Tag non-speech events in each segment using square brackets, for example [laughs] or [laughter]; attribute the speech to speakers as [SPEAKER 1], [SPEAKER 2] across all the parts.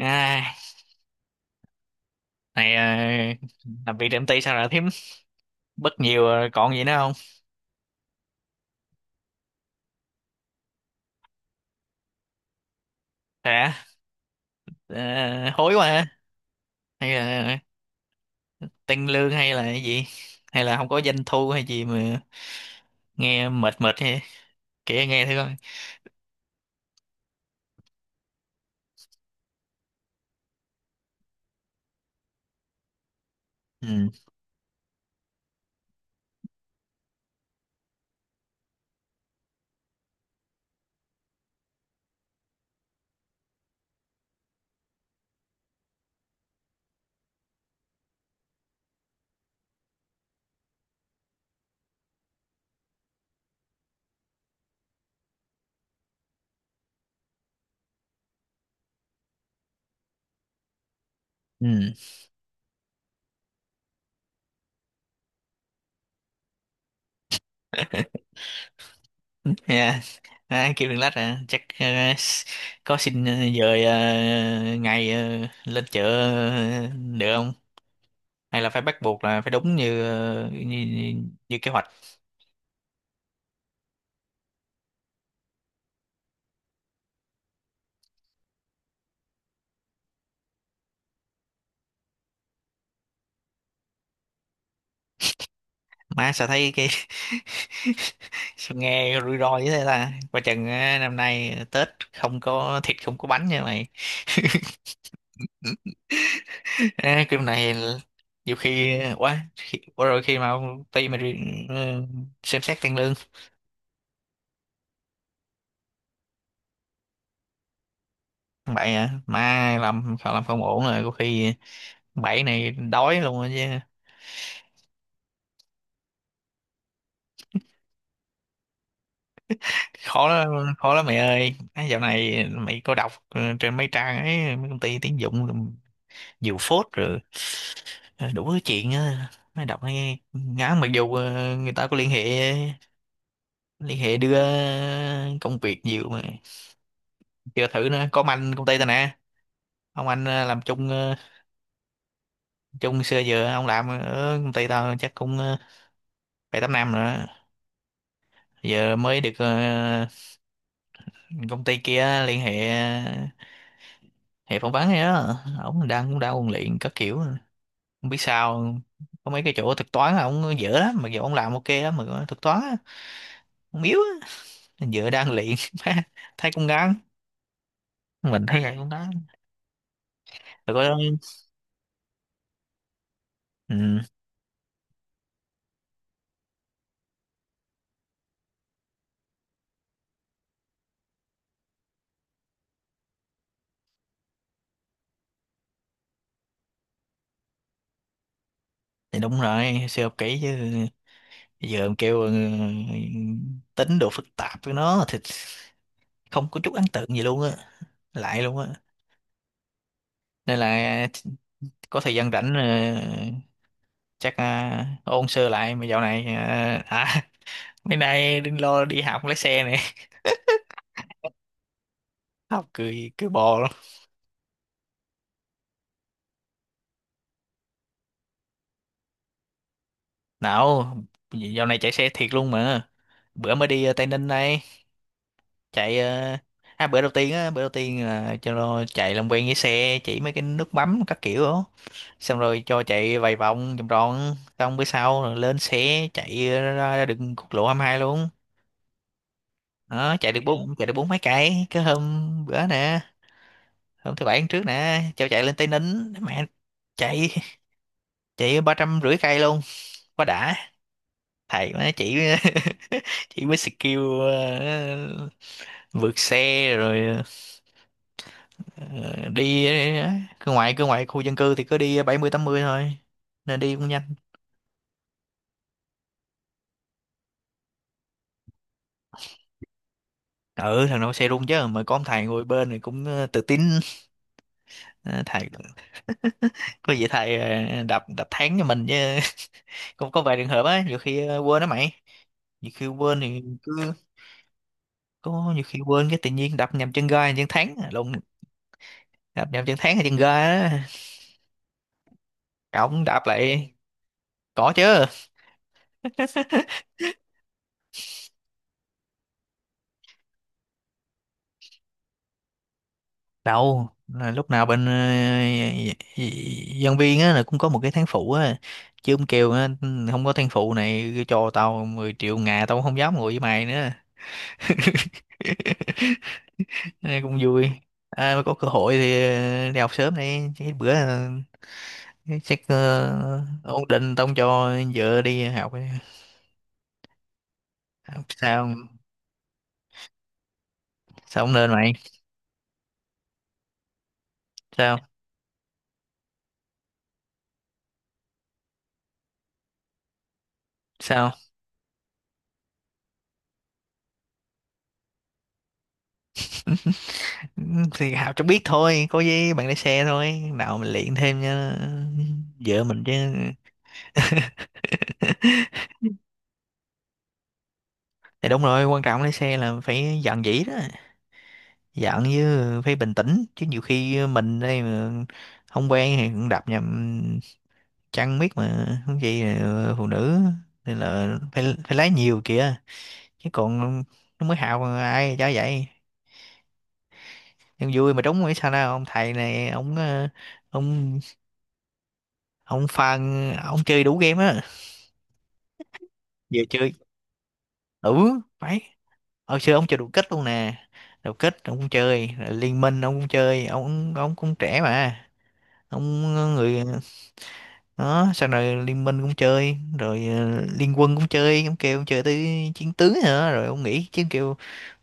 [SPEAKER 1] À, này, làm việc tại công ty sao lại thím bất nhiều rồi còn gì nữa không? Hả? Ờ, Hối quá hả? Hay là tăng lương hay là cái gì? Hay là không có doanh thu hay gì mà nghe mệt mệt, hay kể nghe thử coi. Ừ, ừ. Yeah. À, kêu đừng lách à, chắc, s- có xin dời ngày lên chợ ờ, được không? Hay là phải bắt buộc là phải đúng như như kế hoạch. Má, sao thấy cái, sao nghe rủi ro như thế ta. Coi chừng á, năm nay Tết không có thịt không có bánh nha mày. [laughs] À, cái này là, nhiều khi quá rồi, khi mà ông ty mà đi, ừ, xem xét tăng lương bậy, à mai làm không, làm không ổn rồi, có khi bảy này đói luôn rồi chứ. Khó lắm khó lắm mày ơi, à, dạo này mày có đọc, ừ, trên mấy trang ấy mấy công ty tuyển dụng diều phốt rồi, đủ thứ chuyện á, mới đọc nghe ngán. Mặc dù người ta có liên hệ đưa công việc nhiều mà chưa thử nữa. Có ông anh công ty tao nè, ông anh làm chung xưa giờ. Ông làm ở công ty tao chắc cũng bảy tám năm rồi, giờ mới được công ty kia liên hệ, phỏng vấn á. Ông đang, cũng đang ôn luyện các kiểu, không biết sao. Có mấy cái chỗ thực toán là ổng dở lắm, mặc dù ông làm ok lắm, mà thực toán á, ổng yếu á. Giữa đang luyện, [laughs] má, thấy cũng ngán, mình thấy vậy cũng ngán. Rồi có, ừ, thì đúng rồi, siêu học kỹ chứ. Giờ em kêu, ừ, tính độ phức tạp với nó thì không có chút ấn tượng gì luôn á, lại luôn á. Nên là có thời gian rảnh chắc ôn sơ lại. Mà dạo này [laughs] mấy nay đừng lo, đi học lái xe này. [laughs] Học cười cười bò luôn. Nào, dạo này chạy xe thiệt luôn mà. Bữa mới đi Tây Ninh đây. Chạy à, bữa đầu tiên á, bữa đầu tiên là cho nó chạy làm quen với xe, chỉ mấy cái nút bấm các kiểu đó. Xong rồi cho chạy vài vòng vòng tròn. Xong bữa sau rồi lên xe chạy ra, ra đường quốc lộ 22 luôn đó. Chạy được bốn mấy cây cái hôm bữa nè. Hôm thứ bảy hôm trước nè cho chạy lên Tây Ninh. Mẹ, chạy, chạy 350 cây luôn, quá đã. Thầy má chỉ, [laughs] chỉ mới skill vượt xe rồi. Ờ, Ờ, đi ờ, cứ ngoại khu dân cư thì cứ đi 70 80 thôi, nên đi cũng nhanh. Ừ, thằng nào xe rung chứ, mà có ông thầy ngồi bên thì cũng tự tin. Ờ, thầy [laughs] có gì thầy ờ, đập đập thắng cho mình chứ. [laughs] Cũng có vài trường hợp á, nhiều khi quên đó mày. Nhiều khi quên thì cứ, có nhiều khi quên, cái tự nhiên đập nhầm chân ga chân thắng lộn. Đập nhầm chân thắng hay chân ga á, cổng đạp lại, có chứ. [laughs] Đâu là lúc nào bên nhân viên á, là cũng có một cái tháng phụ á. Chứ ông kêu á, không có tháng phụ này cho tao 10 triệu ngà tao cũng không dám ngồi với mày nữa. [laughs] Nên cũng vui. À, mà có cơ hội thì đi học sớm đi, chứ bữa, ổn định tao không cho vợ đi học. Sao? Sao không nên mày? Sao sao? Ừ, thì Hào cho biết thôi, có gì bạn lái xe thôi, nào mình luyện thêm cho vợ mình chứ. [laughs] Thì đúng rồi, quan trọng lái xe là phải dạn dĩ đó, dạn với phải bình tĩnh. Chứ nhiều khi mình đây mà không quen thì cũng đạp nhầm, chăng biết mà, không gì là phụ nữ. Nên là phải phải lái nhiều kìa, chứ còn nó mới Hào mà ai cho vậy. Nhưng vui mà, trúng hay sao nào. Ông thầy này ông, ông ông phan, ông chơi đủ game á. Vừa chơi, ừ phải, hồi xưa ông chơi đủ kích luôn nè. Đủ kích ông cũng chơi, rồi liên minh ông cũng chơi. Ông cũng trẻ mà. Ông, người đó, sau này liên minh cũng chơi rồi liên quân cũng chơi. Ông kêu ông chơi tới chiến tướng nữa, rồi ông nghĩ chứ, kêu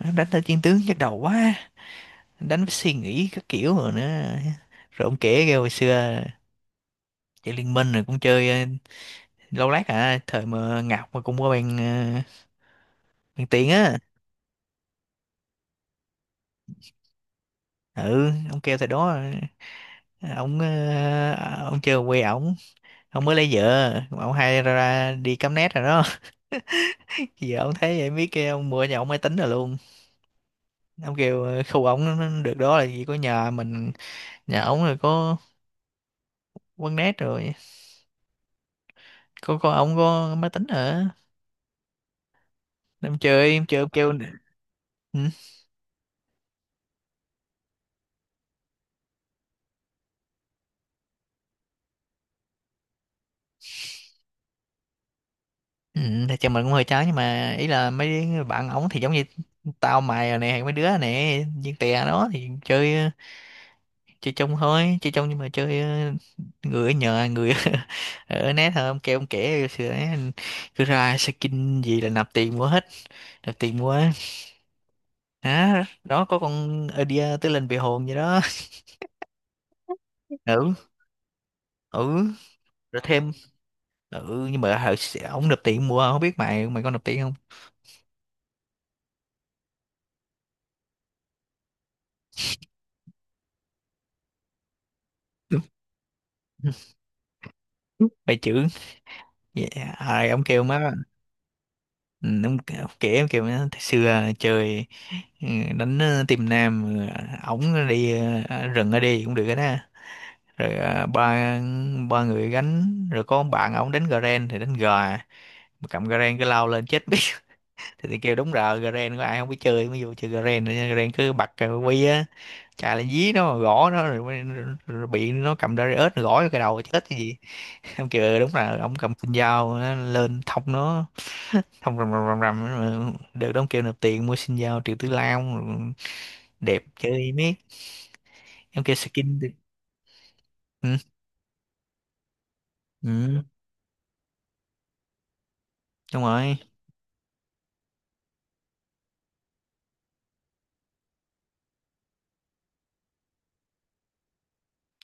[SPEAKER 1] đánh tới chiến tướng nhức đầu quá, đánh với suy nghĩ các kiểu rồi nữa. Rồi ông kể kêu hồi xưa chơi liên minh rồi cũng chơi lâu lát à, thời mà Ngọc mà cũng có bàn tiền á. Ừ, ông kêu thời đó, Ông ông chưa quê ổng, ông mới lấy vợ ông hay ra, ra đi cắm nét rồi đó. [laughs] Giờ ông thấy vậy biết, kêu ông mua nhà ông máy tính rồi luôn. Ông kêu khu ổng nó được đó là gì, có nhà mình, nhà ổng rồi, có quán nét rồi, có ổng có máy tính ở, em chơi ông kêu. Ừ. Ừ, thì chồng mình cũng hơi chán, nhưng mà ý là mấy bạn ổng thì giống như tao mày rồi nè, mấy đứa nè viên tè đó thì chơi, chơi chung thôi. Chơi chung nhưng mà chơi người ở nhờ người [laughs] ở net thôi. Ông kêu ông kể sửa, cứ ra skin gì là nạp tiền mua hết, nạp tiền mua á. Đó, đó có con idea tới lên về hồn vậy đó. Ừ, ừ, rồi thêm, ừ. Nhưng mà hồi xưa ông nộp tiền mua, không biết mày, có nộp tiền không. [laughs] Mày chữ, yeah. Rồi ông kêu má, ừ, ông kể ông kêu má "Thời xưa chơi, ừ, đánh team nam ổng đi rừng ở đi cũng được đó. Rồi à, ba ba người gánh, rồi có ông bạn ổng đánh Garen thì đánh gà, mà cầm Garen cứ lao lên chết biết. [laughs] Thì kêu đúng rồi, Garen có ai không biết chơi mới vô chơi Garen nữa nha. Garen cứ bật cái quy á, chà lên dí nó gõ nó, rồi bị nó cầm Darius nó gõ vô cái đầu chết cái gì. [laughs] Ông kêu "Ừ, đúng là ông cầm sinh dao nó lên thông nó, thông rầm rầm rầm rầm, rồi được đó. Ông kêu nộp tiền mua sinh dao Triệu Tử Long rồi đẹp chơi miết. Em kêu skin được. Ừ, ừ, đúng rồi,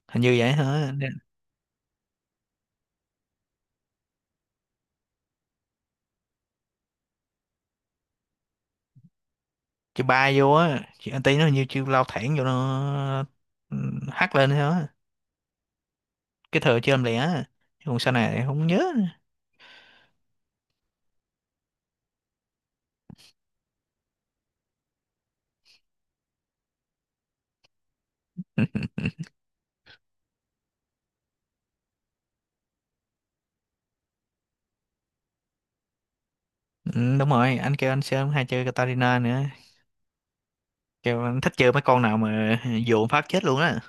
[SPEAKER 1] hình như vậy hả. Chị bay vô á, chị anh tí nó như chiêu lao thẳng vô nó, ừ, hắt lên thôi á. Cái thừa chơi làm lẻ á. Chứ còn sau này thì không nhớ nữa. [laughs] Ừ, đúng rồi, anh kêu anh sớm hay chơi Katarina nữa, kêu anh thích chơi mấy con nào mà [laughs] dồn phát chết luôn á,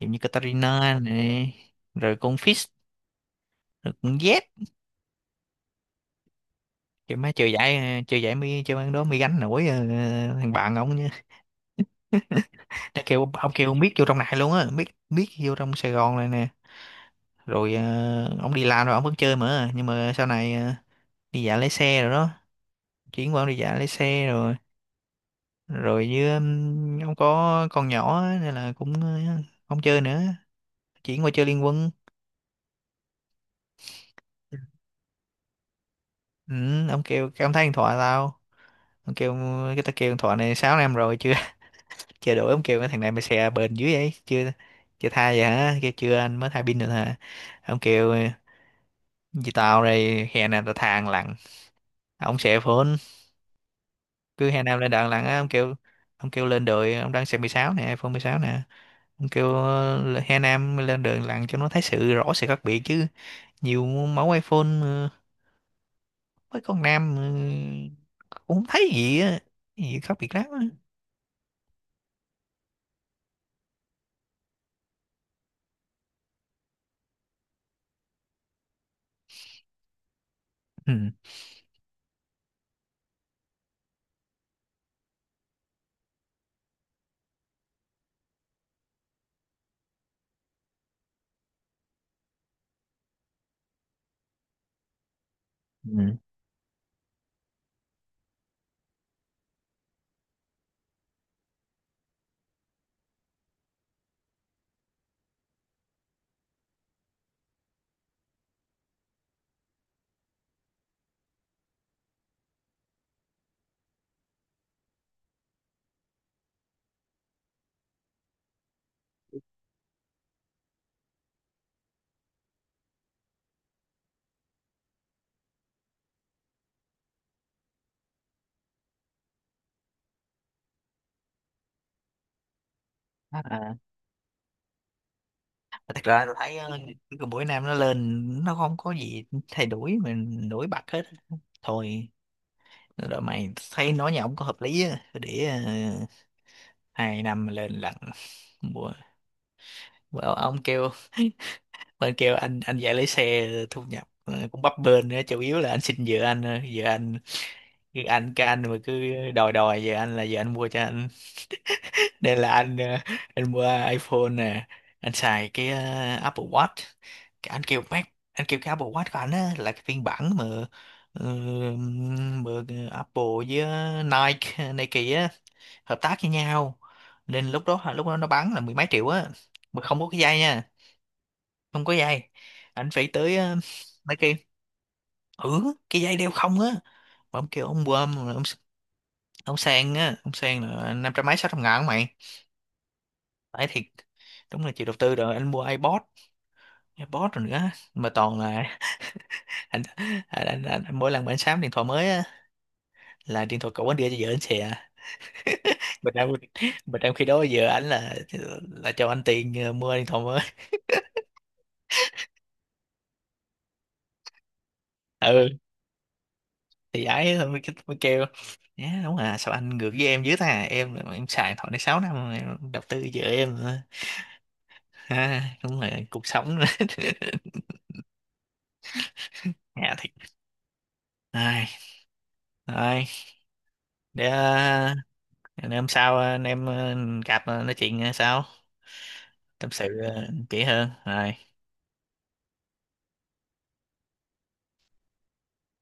[SPEAKER 1] giống như Katarina này, rồi con Fizz, rồi con Z. Kêu má chơi giải, chơi giải mi chơi ăn đó, mi gánh nổi thằng bạn ông nhá. Nó [laughs] kêu ông kêu biết vô trong này luôn á, biết, biết vô trong Sài Gòn này nè. Rồi ông đi làm rồi ông vẫn chơi mà, nhưng mà sau này đi dạo lái xe rồi đó, chuyển qua đi dạo lái xe rồi. Rồi với ông có con nhỏ á, nên là cũng không chơi nữa, chuyển qua chơi Liên Quân. Ừ, ông kêu cái ông thấy điện thoại tao, ông kêu cái, tao kêu điện thoại này 6 năm rồi chưa, [laughs] chưa đổi. Ông kêu cái thằng này mày xè bền dưới ấy chưa, chưa thay vậy hả, kêu chưa, anh mới thay pin được hả. Ông kêu vì tao đây hè nào tao thang lặn, ông xè phone, cứ hè nào lên đạn lặn á. Ông kêu, ông kêu lên đồi ông đang xem 16 nè, iPhone 16 nè, kêu Hà Nam lên đường lặn cho nó thấy sự rõ sự khác biệt chứ. Nhiều mẫu iPhone mấy con nam cũng không thấy gì á, gì khác biệt lắm á. Ừ. Ừ. À, thật ra tôi thấy cái buổi nam nó lên nó không có gì thay đổi mình nổi bật hết thôi. Rồi mày thấy nói nhà ông có hợp lý á, để 2 năm lên lần. bữa, bữa ông kêu [laughs] bên kêu anh dạy lấy xe thu nhập cũng bấp bênh nữa, chủ yếu là anh xin vợ anh, cái anh mà cứ đòi đòi vợ anh, là vợ anh mua cho anh. Nên là anh anh mua iPhone nè, anh xài cái Apple Watch. Cái anh kêu Mac, anh kêu cái Apple Watch của anh á là cái phiên bản mà ờ, Apple với Nike á, hợp tác với nhau. Nên lúc đó nó bán là mười mấy triệu á, mà không có cái dây nha, không có dây. Anh phải tới mấy, ừ, cái dây đeo không á. Mà ông kêu ông quơm rồi ông sang á, ông sang là năm trăm mấy sáu trăm ngàn mày, phải thiệt. Đúng là chịu đầu tư, rồi anh mua iPod, iPod rồi nữa, mà toàn là [laughs] anh, anh, mỗi lần mà anh sắm điện thoại mới á, là điện thoại cũ anh đưa cho vợ anh xè. mà trong mà trong khi đó vợ anh là cho anh tiền mua điện thoại mới. Ừ, thì ấy thôi, mới kêu nhá, đúng, à sao anh ngược với em dữ ta, em xài điện thoại này 6 năm rồi, em đầu tư vợ em. Ha đúng là cuộc sống, [laughs] nhà thiệt ai. Rồi, để để hôm sau anh em gặp nói chuyện sau, tâm sự kỹ hơn rồi.